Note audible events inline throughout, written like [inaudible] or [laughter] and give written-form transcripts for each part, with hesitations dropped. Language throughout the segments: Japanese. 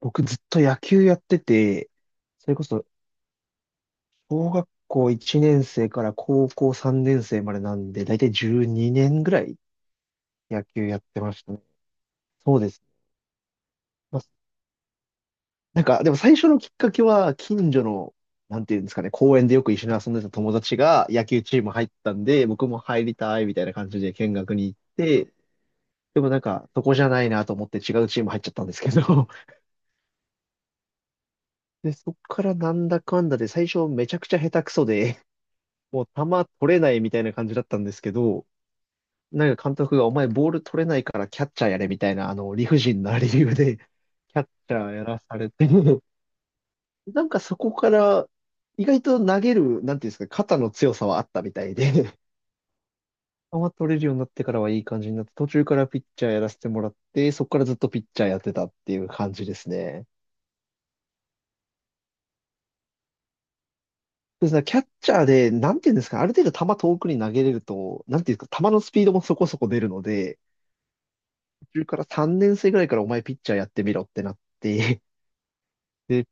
僕ずっと野球やってて、それこそ小学校1年生から高校3年生までなんで、だいたい12年ぐらい野球やってましたね。そうです。まあ、なんか、でも最初のきっかけは近所の、なんていうんですかね、公園でよく一緒に遊んでた友達が野球チーム入ったんで、僕も入りたいみたいな感じで見学に行って、でもなんか、そこじゃないなと思って違うチーム入っちゃったんですけど、[laughs] で、そっからなんだかんだで最初めちゃくちゃ下手くそで、もう球取れないみたいな感じだったんですけど、なんか監督がお前ボール取れないからキャッチャーやれみたいな、あの、理不尽な理由で、[laughs] キャッチャーやらされて、[laughs] なんかそこから意外と投げる、なんていうんですか、肩の強さはあったみたいで、[laughs] 球取れるようになってからはいい感じになって、途中からピッチャーやらせてもらって、そこからずっとピッチャーやってたっていう感じですね。そうですね、キャッチャーで、なんていうんですか、ある程度球遠くに投げれると、なんていうんですか、球のスピードもそこそこ出るので、中から3年生ぐらいからお前ピッチャーやってみろってなって [laughs] で、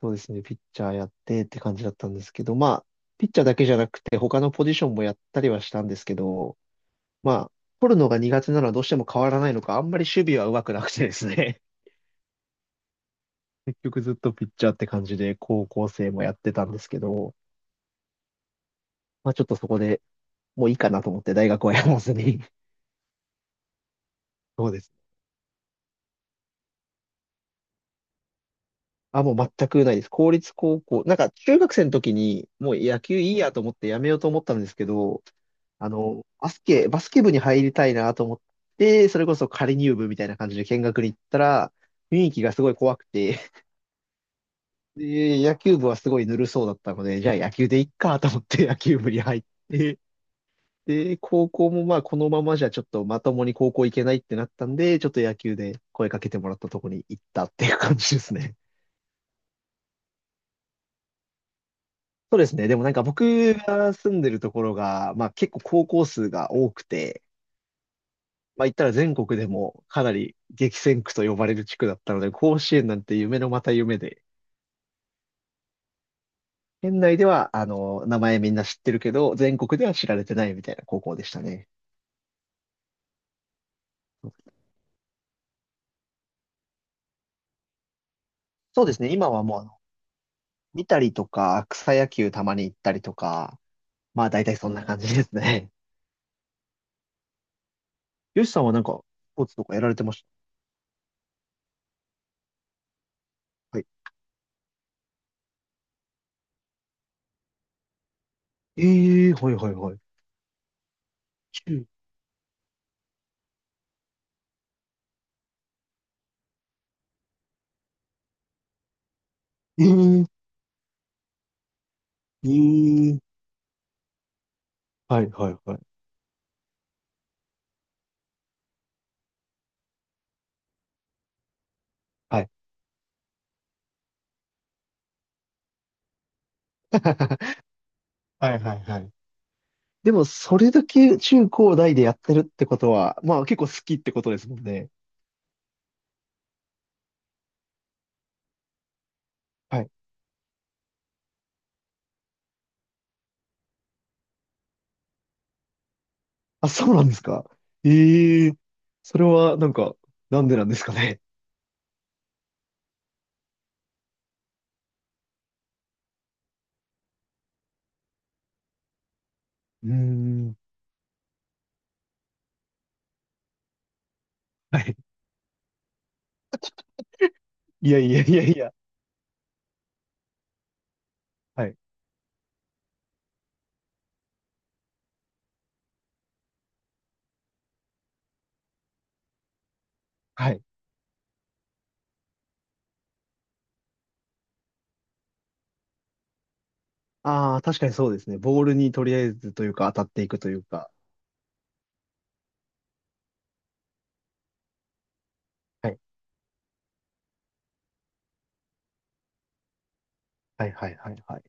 そうですね、ピッチャーやってって感じだったんですけど、まあ、ピッチャーだけじゃなくて他のポジションもやったりはしたんですけど、まあ、取るのが苦手なのはどうしても変わらないのか、あんまり守備は上手くなくてですね。 [laughs] 結局ずっとピッチャーって感じで高校生もやってたんですけど、まあちょっとそこでもういいかなと思って大学はやらずに。 [laughs] そうですね。あ、もう全くないです。公立高校。なんか中学生の時にもう野球いいやと思ってやめようと思ったんですけど、あの、バスケ部に入りたいなと思って、それこそ仮入部みたいな感じで見学に行ったら、雰囲気がすごい怖くて、[laughs] で、野球部はすごいぬるそうだったので、じゃあ野球でいっかと思って野球部に入って、で、高校もまあこのままじゃちょっとまともに高校行けないってなったんで、ちょっと野球で声かけてもらったとこに行ったっていう感じですね。そうですね。でもなんか僕が住んでるところが、まあ結構高校数が多くて、まあ言ったら全国でもかなり激戦区と呼ばれる地区だったので、甲子園なんて夢のまた夢で、県内ではあの、名前みんな知ってるけど、全国では知られてないみたいな高校でしたね。そうですね。今はもうあの、見たりとか、草野球たまに行ったりとか、まあ大体そんな感じですね。よしさんはなんか、スポーツとかやられてました？はい。ええ、はいはいはい。中、ええええ、はいはいはい。はい。[laughs] はいはいはい。でも、それだけ中高大でやってるってことは、まあ結構好きってことですもんね。はい。あ、そうなんですか。ええ、それはなんか、なんでなんですかね。うーん。はい。いやいやいやいや。はい。はい。ああ、確かにそうですね。ボールにとりあえずというか当たっていくというか。はい。はいはいはいはい。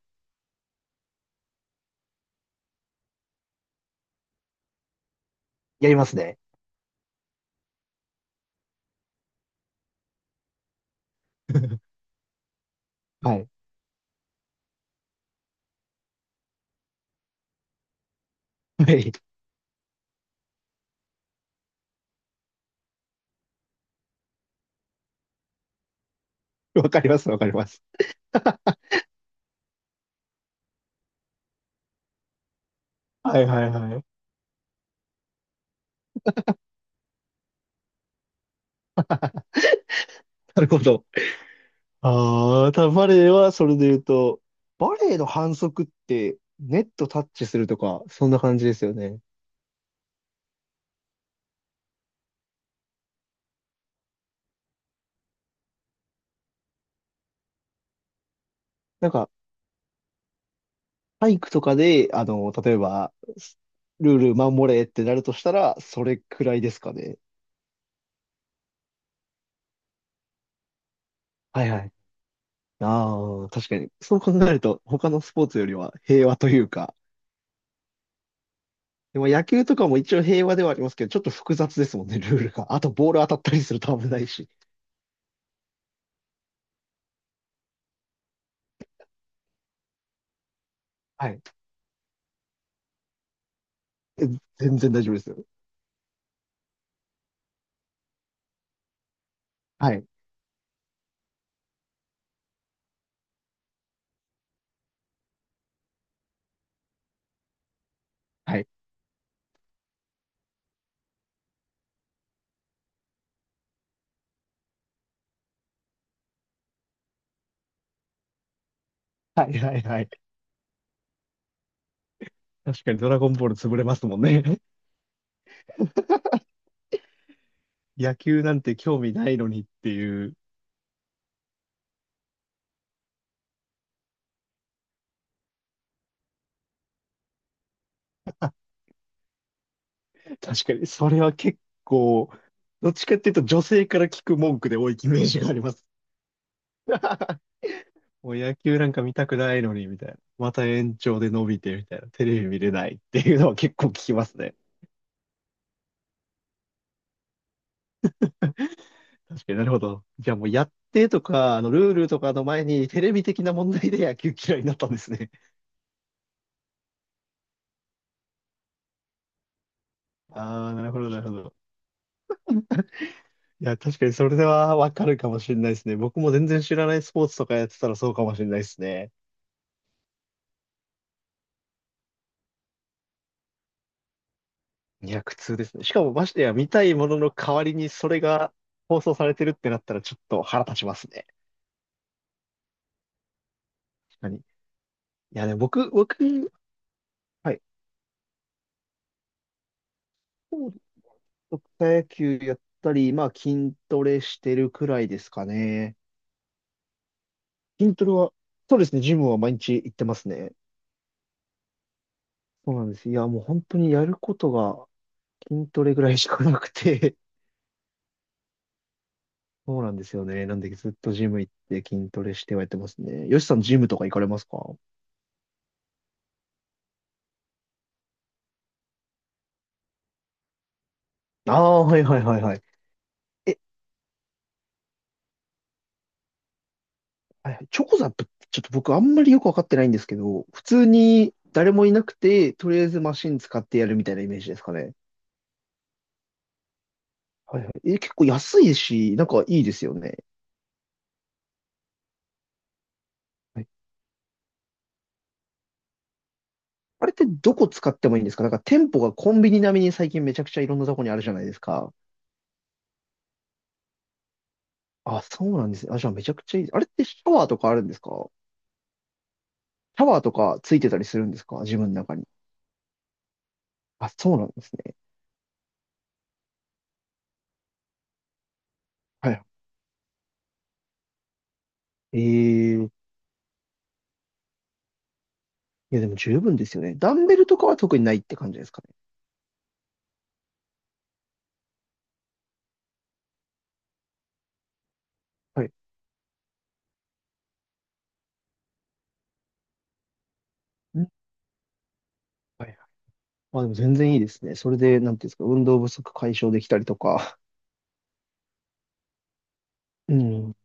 やりますね。[laughs] はい。はい。わかります、わかります。[laughs] はいはいはい。なるほど。ああ、ただバレエはそれで言うと、バレエの反則ってネットタッチするとか、そんな感じですよね。なんか、体育とかで、あの、例えば、ルール守れってなるとしたら、それくらいですかね。はいはい。ああ、確かに。そう考えると、他のスポーツよりは平和というか、でも野球とかも一応平和ではありますけど、ちょっと複雑ですもんね、ルールが。あと、ボール当たったりすると危ないし。はい。え、全然大丈夫ですよ。はい。はい。はいはいはい。確かにドラゴンボール潰れますもんね。[laughs] 野球なんて興味ないのにっていう。確かに、それは結構、どっちかっていうと女性から聞く文句で多いイメージがあります。[laughs] もう野球なんか見たくないのに、みたいな。また延長で伸びて、みたいな。テレビ見れないっていうのは結構聞きますね。確かになるほど。じゃあもうやってとか、あの、ルールとかの前にテレビ的な問題で野球嫌いになったんですね。ああ、なるほど、なるほど。いや、確かにそれではわかるかもしれないですね。僕も全然知らないスポーツとかやってたらそうかもしれないですね。いや、苦痛ですね。しかもましてや見たいものの代わりにそれが放送されてるってなったらちょっと腹立ちますね。確かに。いや、ね、僕、はい。スポーツ、草野球やったり、まあ筋トレしてるくらいですかね。筋トレは、そうですね、ジムは毎日行ってますね。そうなんです。いや、もう本当にやることが筋トレぐらいしかなくて、そうなんですよね。なんでずっとジム行って筋トレしてはやってますね。よしさんジムとか行かれますか？ああー、はいはいはいはい。え、はいはい、チョコザップってちょっと僕あんまりよくわかってないんですけど、普通に誰もいなくて、とりあえずマシン使ってやるみたいなイメージですかね。はいはい。え、結構安いし、なんかいいですよね。はい。あれってどこ使ってもいいんですか？なんか店舗がコンビニ並みに最近めちゃくちゃいろんなとこにあるじゃないですか。あ、そうなんですね。あ、じゃあめちゃくちゃいい。あれってシャワーとかあるんですか？シャワーとかついてたりするんですか、自分の中に。あ、そうなんですね。はい。ええ、いや、でも十分ですよね。ダンベルとかは特にないって感じですかね。はい。うん、はいはい。まあでも全然いいですね。それで、なんていうんですか、運動不足解消できたりとか。うん。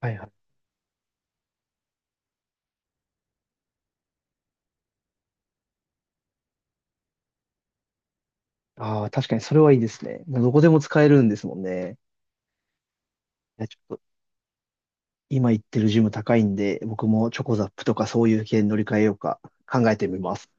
はいはい。ああ、確かにそれはいいですね。もうどこでも使えるんですもんね。いや、ちょっと、今行ってるジム高いんで、僕もチョコザップとかそういう系に乗り換えようか考えてみます。